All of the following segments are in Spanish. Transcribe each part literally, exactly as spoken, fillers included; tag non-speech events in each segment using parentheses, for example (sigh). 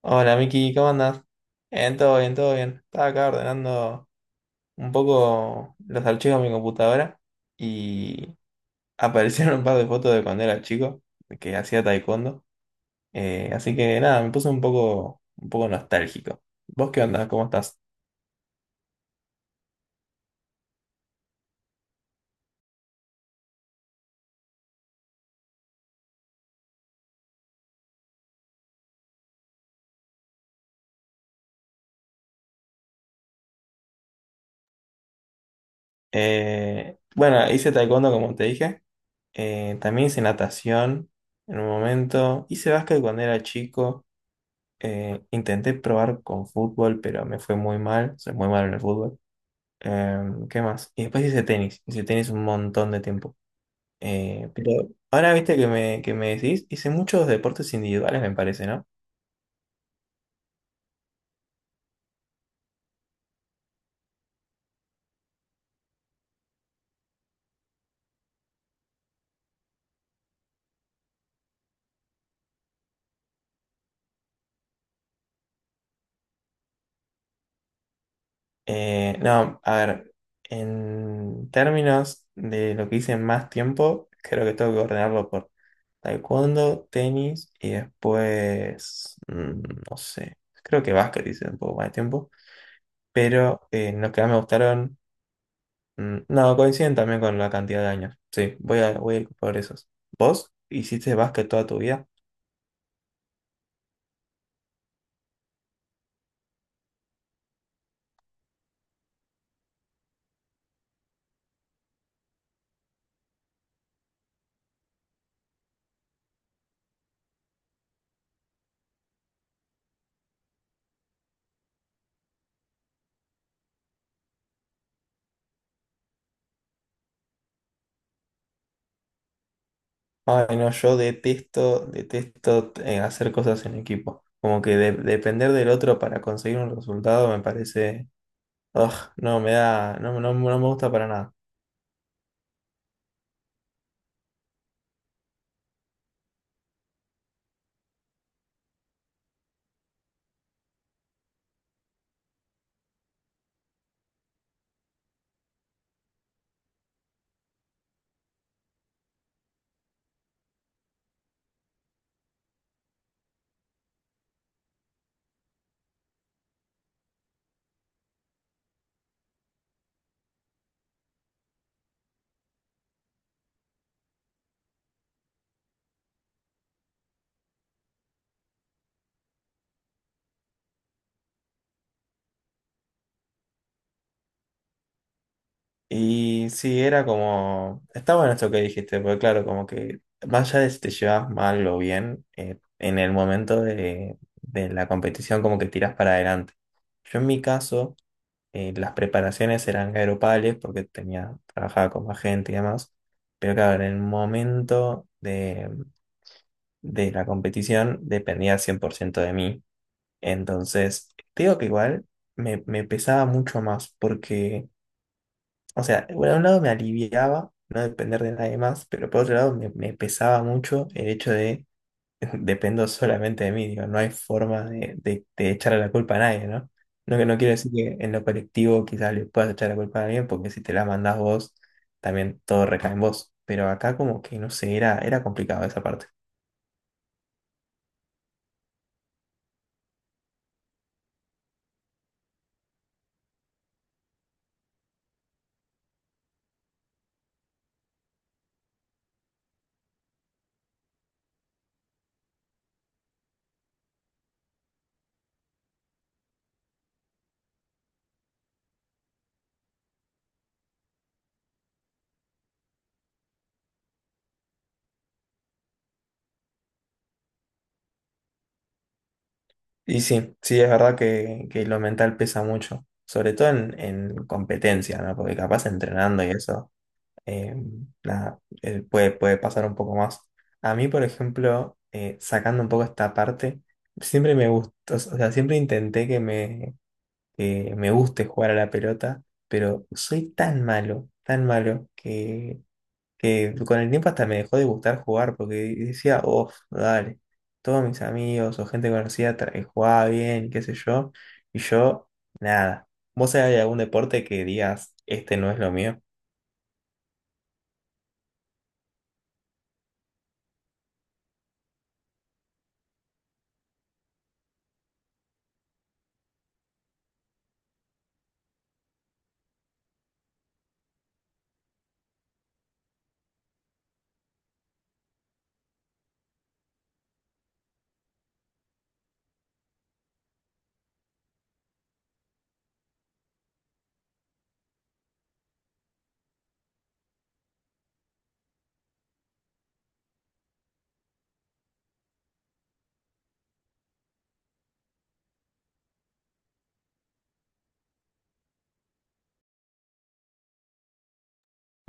Hola Miki, ¿cómo andás? Bien, todo bien, todo bien. Estaba acá ordenando un poco los archivos de mi computadora y (laughs) aparecieron un par de fotos de cuando era chico, que hacía taekwondo. Eh, así que nada, me puse un poco, un poco nostálgico. ¿Vos qué onda? ¿Cómo estás? Eh, bueno, hice taekwondo como te dije. Eh, también hice natación en un momento. Hice básquet cuando era chico. Eh, intenté probar con fútbol, pero me fue muy mal. Soy muy malo en el fútbol. Em, ¿qué más? Y después hice tenis. Hice tenis un montón de tiempo. Eh, pero ahora viste que me, que me decís, hice muchos deportes individuales, me parece, ¿no? Eh, no, a ver, en términos de lo que hice más tiempo, creo que tengo que ordenarlo por taekwondo, tenis y después, mm, no sé, creo que básquet hice un poco más de tiempo, pero eh, los que más me gustaron. Mm, No, coinciden también con la cantidad de años. Sí, voy a, voy a ir por esos. ¿Vos hiciste básquet toda tu vida? Ay, no, yo detesto, detesto eh, hacer cosas en equipo. Como que de- depender del otro para conseguir un resultado me parece... ugh, no, me da... No, no, no me gusta para nada. Y sí, era como... Está bueno esto que dijiste, porque claro, como que más allá de si te llevas mal o bien, eh, en el momento de, de la competición como que tiras para adelante. Yo en mi caso... eh, las preparaciones eran aeropales porque tenía, trabajaba con más gente y demás. Pero claro, en el momento de, de la competición dependía cien por ciento de mí. Entonces, te digo que igual me, me pesaba mucho más porque, o sea, por un lado me aliviaba no depender de nadie más, pero por otro lado me, me pesaba mucho el hecho de dependo solamente de mí, digo, no hay forma de, de, de echarle la culpa a nadie, ¿no? No, que no quiero decir que en lo colectivo quizás le puedas echar la culpa a alguien, porque si te la mandás vos, también todo recae en vos. Pero acá como que, no sé, era, era complicado esa parte. Y sí, sí, es verdad que, que lo mental pesa mucho, sobre todo en, en competencia, ¿no? Porque capaz entrenando y eso. Eh, nada, eh, Puede, puede pasar un poco más. A mí, por ejemplo, eh, sacando un poco esta parte, siempre me gustó, o sea, siempre intenté que me, que me guste jugar a la pelota, pero soy tan malo, tan malo, que, que con el tiempo hasta me dejó de gustar jugar, porque decía, oh, dale, todos mis amigos o gente conocida tra- eh, jugaba bien, qué sé yo, y yo, nada. ¿Vos sabés de algún deporte que digas, este no es lo mío?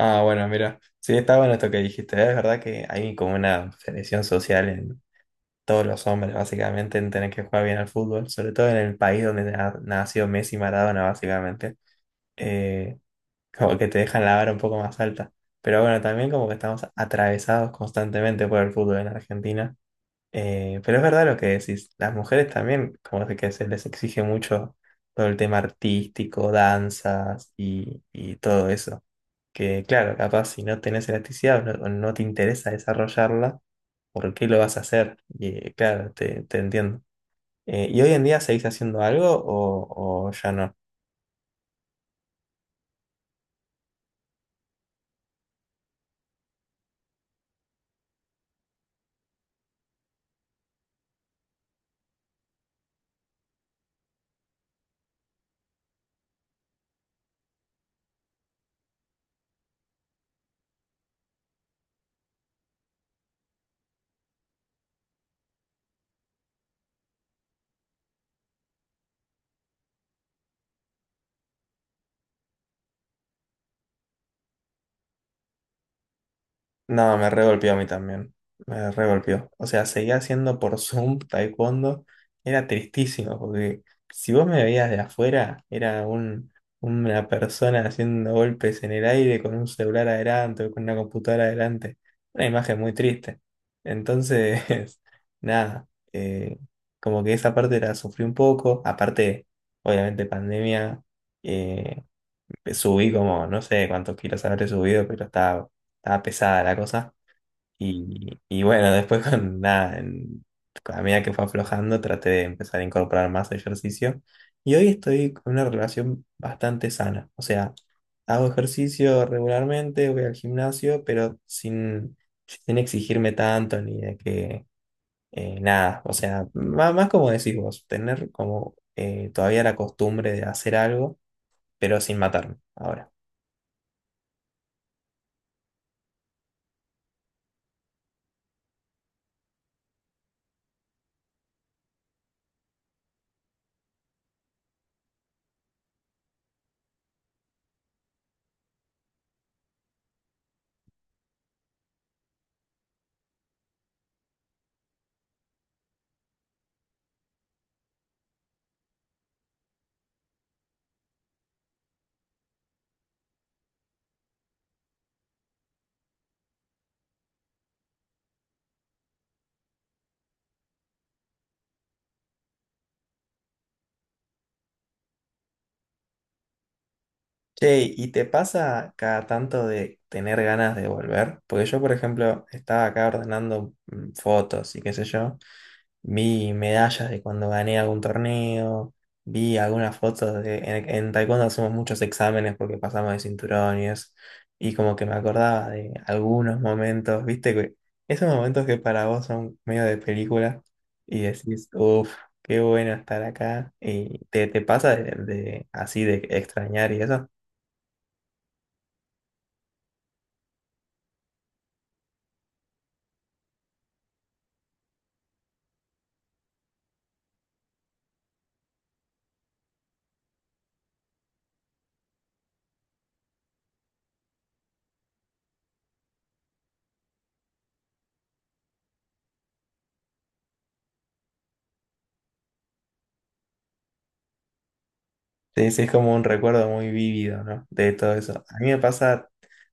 Ah, bueno, mira, sí, está bueno esto que dijiste. ¿Eh? Es verdad que hay como una presión social en todos los hombres, básicamente, en tener que jugar bien al fútbol, sobre todo en el país donde ha nació Messi y Maradona, básicamente. Eh, Como que te dejan la vara un poco más alta. Pero bueno, también como que estamos atravesados constantemente por el fútbol en Argentina. Eh, pero es verdad lo que decís, las mujeres también, como que se les exige mucho todo el tema artístico, danzas y, y todo eso que claro, capaz si no tenés elasticidad o no, o no te interesa desarrollarla, ¿por qué lo vas a hacer? Y eh, claro, te, te entiendo. Eh, ¿y hoy en día seguís haciendo algo o, o ya no? No, me regolpeó a mí también. Me regolpeó. O sea, seguía haciendo por (laughs) Zoom taekwondo. Era tristísimo, porque si vos me veías de afuera, era un, una persona haciendo golpes en el aire con un celular adelante o con una computadora adelante. Una imagen muy triste. Entonces, (laughs) nada, eh, como que esa parte la sufrí un poco. Aparte, obviamente, pandemia, eh, subí como, no sé cuántos kilos habré subido, pero estaba estaba pesada la cosa. Y, y bueno, después con nada, en- con- a medida que fue aflojando, traté de empezar a incorporar más ejercicio. Y hoy estoy con una relación bastante sana. O sea, hago ejercicio regularmente, voy al gimnasio, pero sin, sin exigirme tanto ni de que eh, nada. O sea, má- más, como decís vos, tener como eh, todavía la costumbre de hacer algo, pero sin matarme ahora. Che, ¿y te pasa cada tanto de tener ganas de volver? Porque yo, por ejemplo, estaba acá ordenando mm, fotos y qué sé yo, vi medallas de cuando gané algún torneo, vi algunas fotos de... En, en taekwondo hacemos muchos exámenes porque pasamos de cinturones y como que me acordaba de algunos momentos, viste, que esos momentos que para vos son medio de película y decís, uff, qué bueno estar acá y te, te pasa de, de así de extrañar y eso. Sí, sí, es como un recuerdo muy vívido, ¿no? De todo eso. A mí me pasa,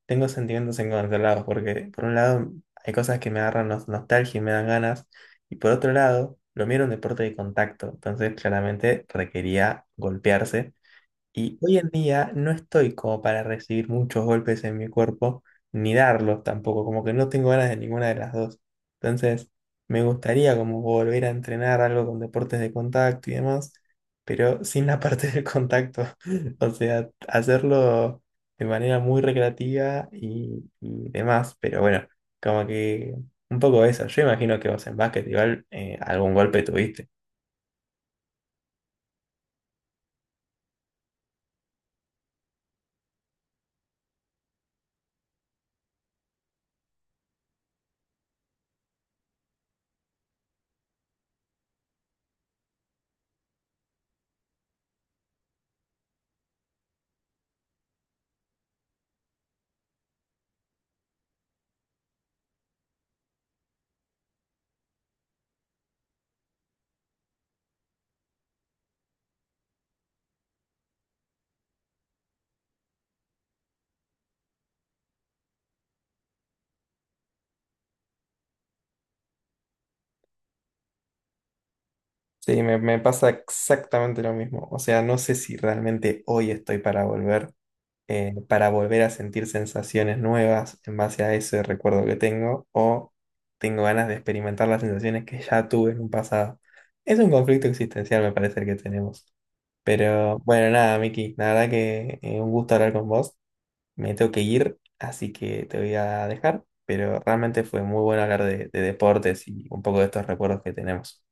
tengo sentimientos encontrados, porque por un lado hay cosas que me agarran nos- nostalgia y me dan ganas, y por otro lado, lo mío era un deporte de contacto, entonces claramente requería golpearse, y hoy en día no estoy como para recibir muchos golpes en mi cuerpo, ni darlos tampoco, como que no tengo ganas de ninguna de las dos. Entonces, me gustaría como volver a entrenar algo con deportes de contacto y demás, pero sin la parte (laughs) del contacto. O sea, hacerlo de manera muy recreativa y, y demás, pero bueno, como que un poco eso. Yo imagino que vos en básquet igual eh, algún golpe tuviste. Sí, me, me pasa exactamente lo mismo. O sea, no sé si realmente hoy estoy para volver, eh, para volver a sentir sensaciones nuevas en base a ese recuerdo que tengo, o tengo ganas de experimentar las sensaciones que ya tuve en un pasado. Es un conflicto existencial, me parece, el que tenemos. Pero bueno, nada, Miki, la verdad que eh, un gusto hablar con vos. Me tengo que ir, así que te voy a dejar. Pero realmente fue muy bueno hablar de de deportes y un poco de estos recuerdos que tenemos.